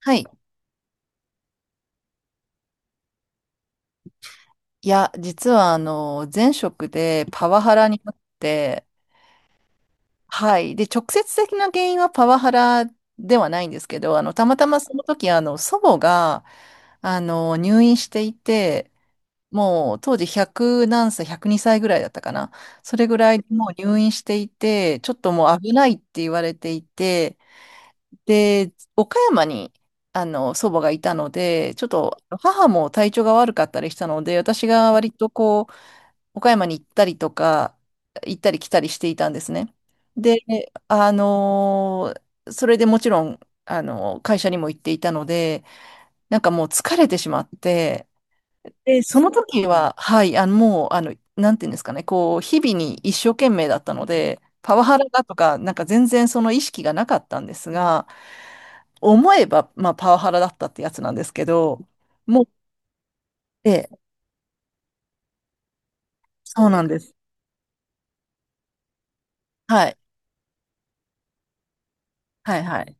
はい。いや、実は、前職でパワハラになって、はい。で、直接的な原因はパワハラではないんですけど、たまたまその時、祖母が、入院していて、もう当時100何歳、102歳ぐらいだったかな。それぐらいでもう入院していて、ちょっともう危ないって言われていて、で、岡山に、祖母がいたので、ちょっと母も体調が悪かったりしたので、私が割とこう、岡山に行ったりとか、行ったり来たりしていたんですね。で、あのーそれでもちろん、会社にも行っていたので、なんかもう疲れてしまって、で、その時は、はい、もう、なんていうんですかね、こう、日々に一生懸命だったので、パワハラだとか、なんか全然その意識がなかったんですが、思えば、まあ、パワハラだったってやつなんですけど、もう、ええ、そうなんです。はい、はい、はい。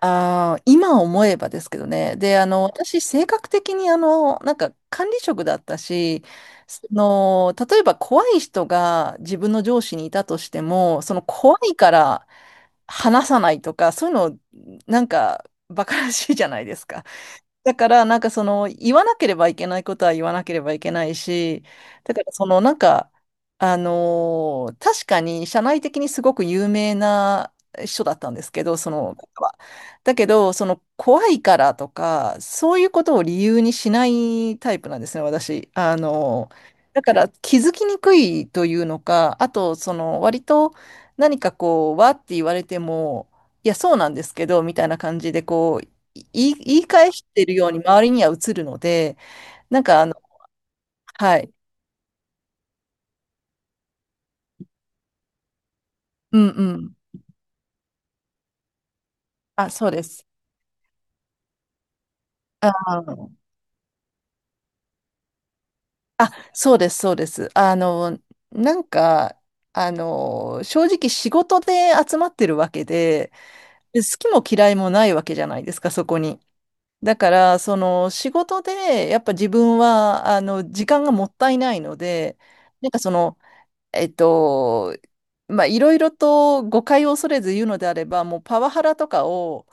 ああ、今思えばですけどね。で、私、性格的に、管理職だったし、その、例えば怖い人が自分の上司にいたとしても、その怖いから話さないとか、そういうの、なんか、馬鹿らしいじゃないですか。だから、なんかその、言わなければいけないことは言わなければいけないし、だからその、確かに社内的にすごく有名な人だったんですけど、その方は。だけど、その、怖いからとか、そういうことを理由にしないタイプなんですね、私。だから、気づきにくいというのか、あと、その、割と何かこう、わって言われても、いや、そうなんですけど、みたいな感じで、こう、い言い言い返してるように周りには映るので、なんかあのはい。うんうん。あ、そうです。ああ。あ、そうですそうです。なんか、正直仕事で集まってるわけで、で好きも嫌いもないわけじゃないですか、そこに。だから、その仕事で、やっぱ自分は、時間がもったいないので、なんかその、えっと、まあ、いろいろと誤解を恐れず言うのであれば、もうパワハラとかを、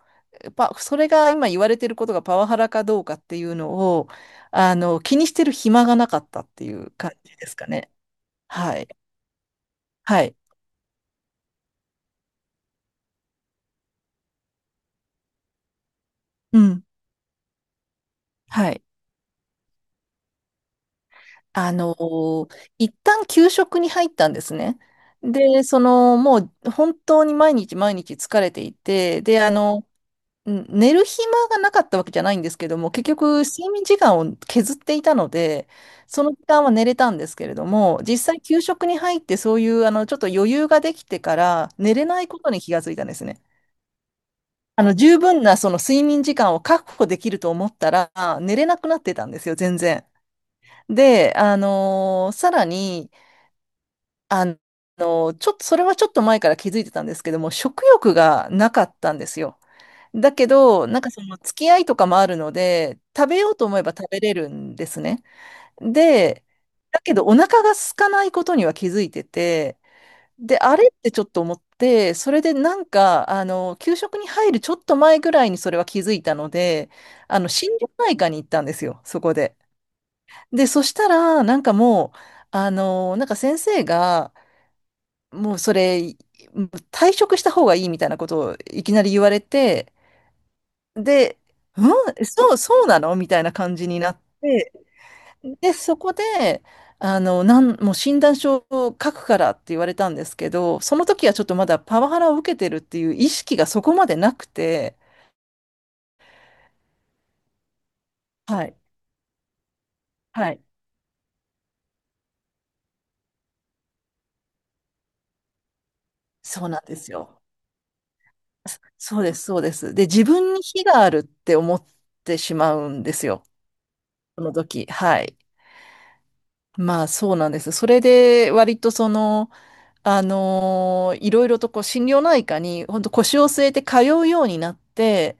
パ、それが今言われていることがパワハラかどうかっていうのを、気にしてる暇がなかったっていう感じですかね。はい。はい。うん。はい。あの、一旦休職に入ったんですね。で、その、もう本当に毎日毎日疲れていて、で、うん、寝る暇がなかったわけじゃないんですけども、結局睡眠時間を削っていたので、その時間は寝れたんですけれども、実際給食に入ってそういうちょっと余裕ができてから寝れないことに気がついたんですね。十分なその睡眠時間を確保できると思ったら寝れなくなってたんですよ、全然。で、さらに、あのちょっと、それはちょっと前から気づいてたんですけども、食欲がなかったんですよ。だけど、なんかその付き合いとかもあるので、食べようと思えば食べれるんですね。で、だけどお腹が空かないことには気づいてて、で、あれってちょっと思って、それでなんか、給食に入るちょっと前ぐらいにそれは気づいたので、心療内科に行ったんですよ、そこで。で、そしたら、なんかもう、先生が、もうそれ、退職した方がいいみたいなことをいきなり言われて、で、うんそう、そうなのみたいな感じになって、で、そこで、もう診断書を書くからって言われたんですけど、その時はちょっとまだパワハラを受けてるっていう意識がそこまでなくて、はい、はい、そうなんですよ。そうです、そうです。で、自分に非があるって思ってしまうんですよ。その時。はい。まあ、そうなんです。それで、割とその、いろいろとこう心療内科に本当腰を据えて通うようになって、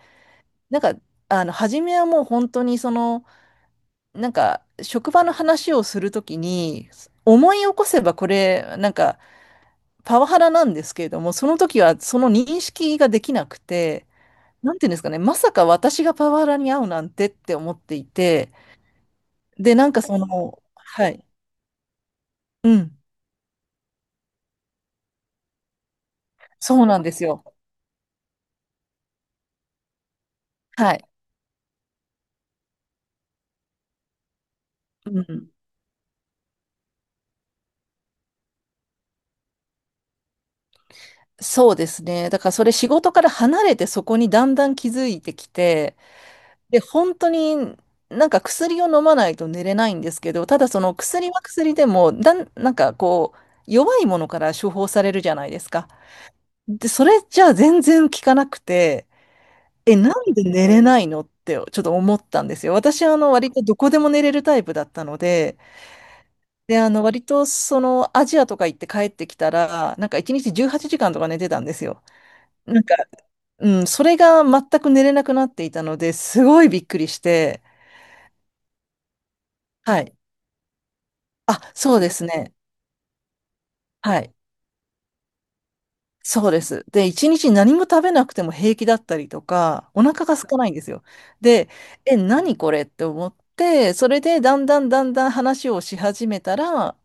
なんか、初めはもう本当にその、なんか、職場の話をするときに、思い起こせばこれ、なんか、パワハラなんですけれども、その時はその認識ができなくて、なんていうんですかね、まさか私がパワハラに遭うなんてって思っていて、で、なんかその、はい、うん、そうなんですよ。はい。うん、そうですね。だからそれ仕事から離れてそこにだんだん気づいてきて、で、本当になんか薬を飲まないと寝れないんですけど、ただその薬は薬でも、なんかこう、弱いものから処方されるじゃないですか。で、それじゃあ全然効かなくて、え、なんで寝れないのってちょっと思ったんですよ。私は割とどこでも寝れるタイプだったので、で、割とそのアジアとか行って帰ってきたら、なんか1日18時間とか寝てたんですよ。なんかうん、それが全く寝れなくなっていたので、すごいびっくりして、はい。あ、そうですね。はい。そうです。で、一日何も食べなくても平気だったりとか、お腹が空かないんですよ。で、え、何これって思って、それでだんだんだんだん話をし始めたら、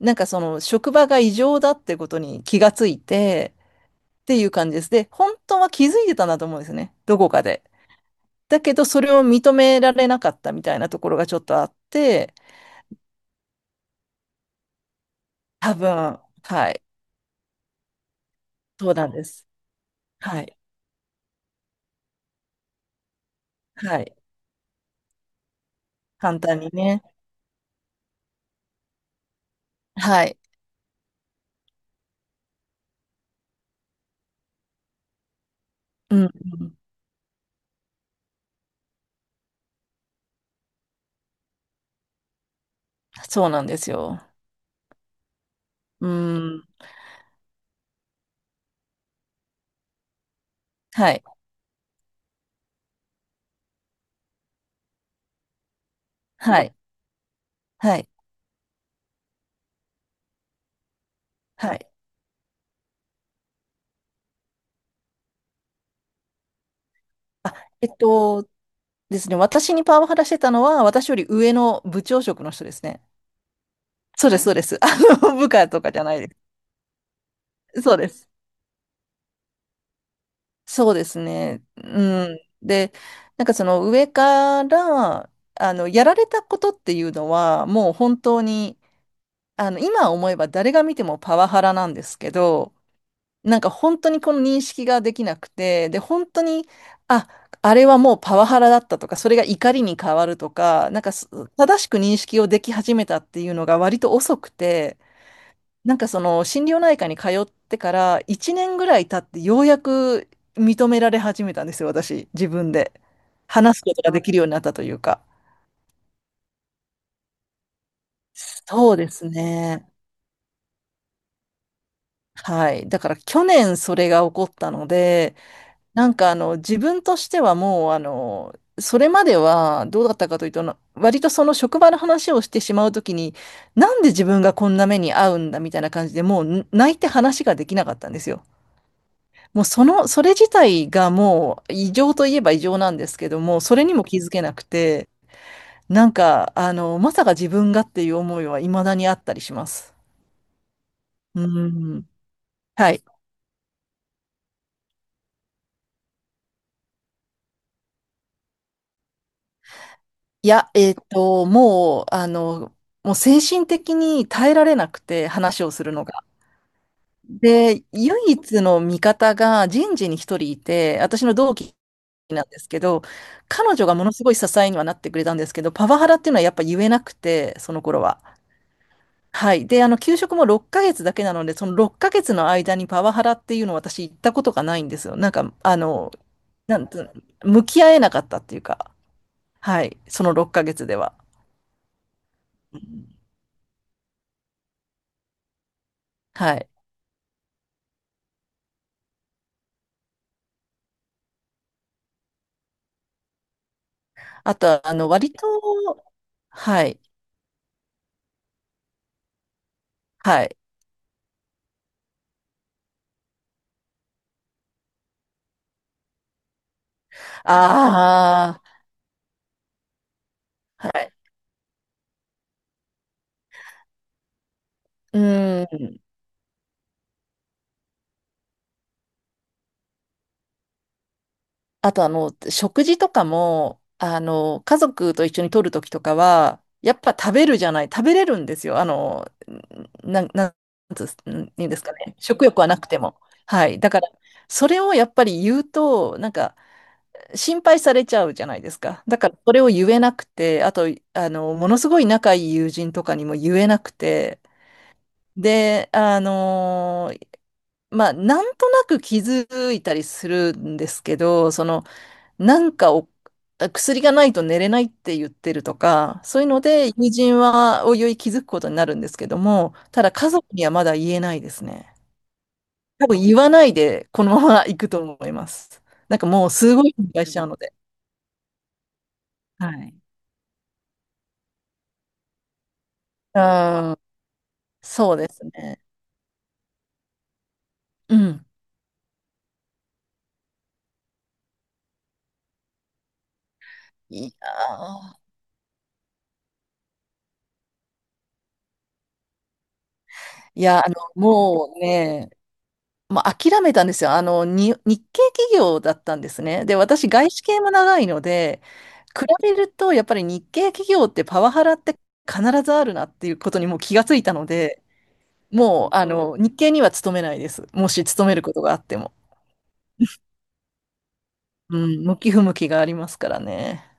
なんかその職場が異常だってことに気がついて、っていう感じです。で、本当は気づいてたんだと思うんですね。どこかで。だけど、それを認められなかったみたいなところがちょっとあって、多分、はい。そうなんです。はい。はい。簡単にね。はい。うん、うん。そうなんですよ。うん。はい。はい。はい。はい。あ、えっとですね。私にパワハラしてたのは、私より上の部長職の人ですね。そうです、そうです。部下とかじゃないです。そうです。そうですね。うん。で、なんかその上から、やられたことっていうのは、もう本当に、今思えば誰が見てもパワハラなんですけど、なんか本当にこの認識ができなくて、で、本当に、あ、あれはもうパワハラだったとか、それが怒りに変わるとか、なんかす正しく認識をでき始めたっていうのが割と遅くて、なんかその心療内科に通ってから1年ぐらい経ってようやく認められ始めたんですよ、私、自分で。話すことができるようになったというか。そうですね。はい。だから去年それが起こったので、なんか自分としてはもうそれまではどうだったかというとな割とその職場の話をしてしまうときに、なんで自分がこんな目に遭うんだみたいな感じでも泣いて話ができなかったんですよ。もうそのそれ自体がもう異常といえば異常なんですけども、それにも気づけなくて、なんかまさか自分がっていう思いは未だにあったりします。うん、はいいや、もう、もう精神的に耐えられなくて、話をするのが。で、唯一の味方が人事に一人いて、私の同期なんですけど、彼女がものすごい支えにはなってくれたんですけど、パワハラっていうのはやっぱ言えなくて、その頃は。はい。で、給食も6ヶ月だけなので、その6ヶ月の間にパワハラっていうのを私行ったことがないんですよ。なんか、あの、なんと、向き合えなかったっていうか、はい。その6ヶ月では。はい。あと、割と、はい、はい。ああ、はい。うん。あと、食事とかも、家族と一緒に取るときとかは、やっぱ食べるじゃない、食べれるんですよ。あの、なん、なんつうん言うんですかね。食欲はなくても。はい。だから、それをやっぱり言うと、なんか、心配されちゃうじゃないですか。だから、それを言えなくて、あと、ものすごい仲いい友人とかにも言えなくて、で、まあ、なんとなく気づいたりするんですけど、その、なんかを、薬がないと寝れないって言ってるとか、そういうので、友人はおいおい気づくことになるんですけども、ただ家族にはまだ言えないですね。多分言わないで、このまま行くと思います。なんかもうすごい心配しちゃうので。うん、そうですね。うん。いやー、いや、もうね、まあ、諦めたんですよ。日系企業だったんですね。で、私、外資系も長いので、比べると、やっぱり日系企業ってパワハラって必ずあるなっていうことにもう気がついたので、もう、日系には勤めないです。もし勤めることがあっても。うん、向き不向きがありますからね。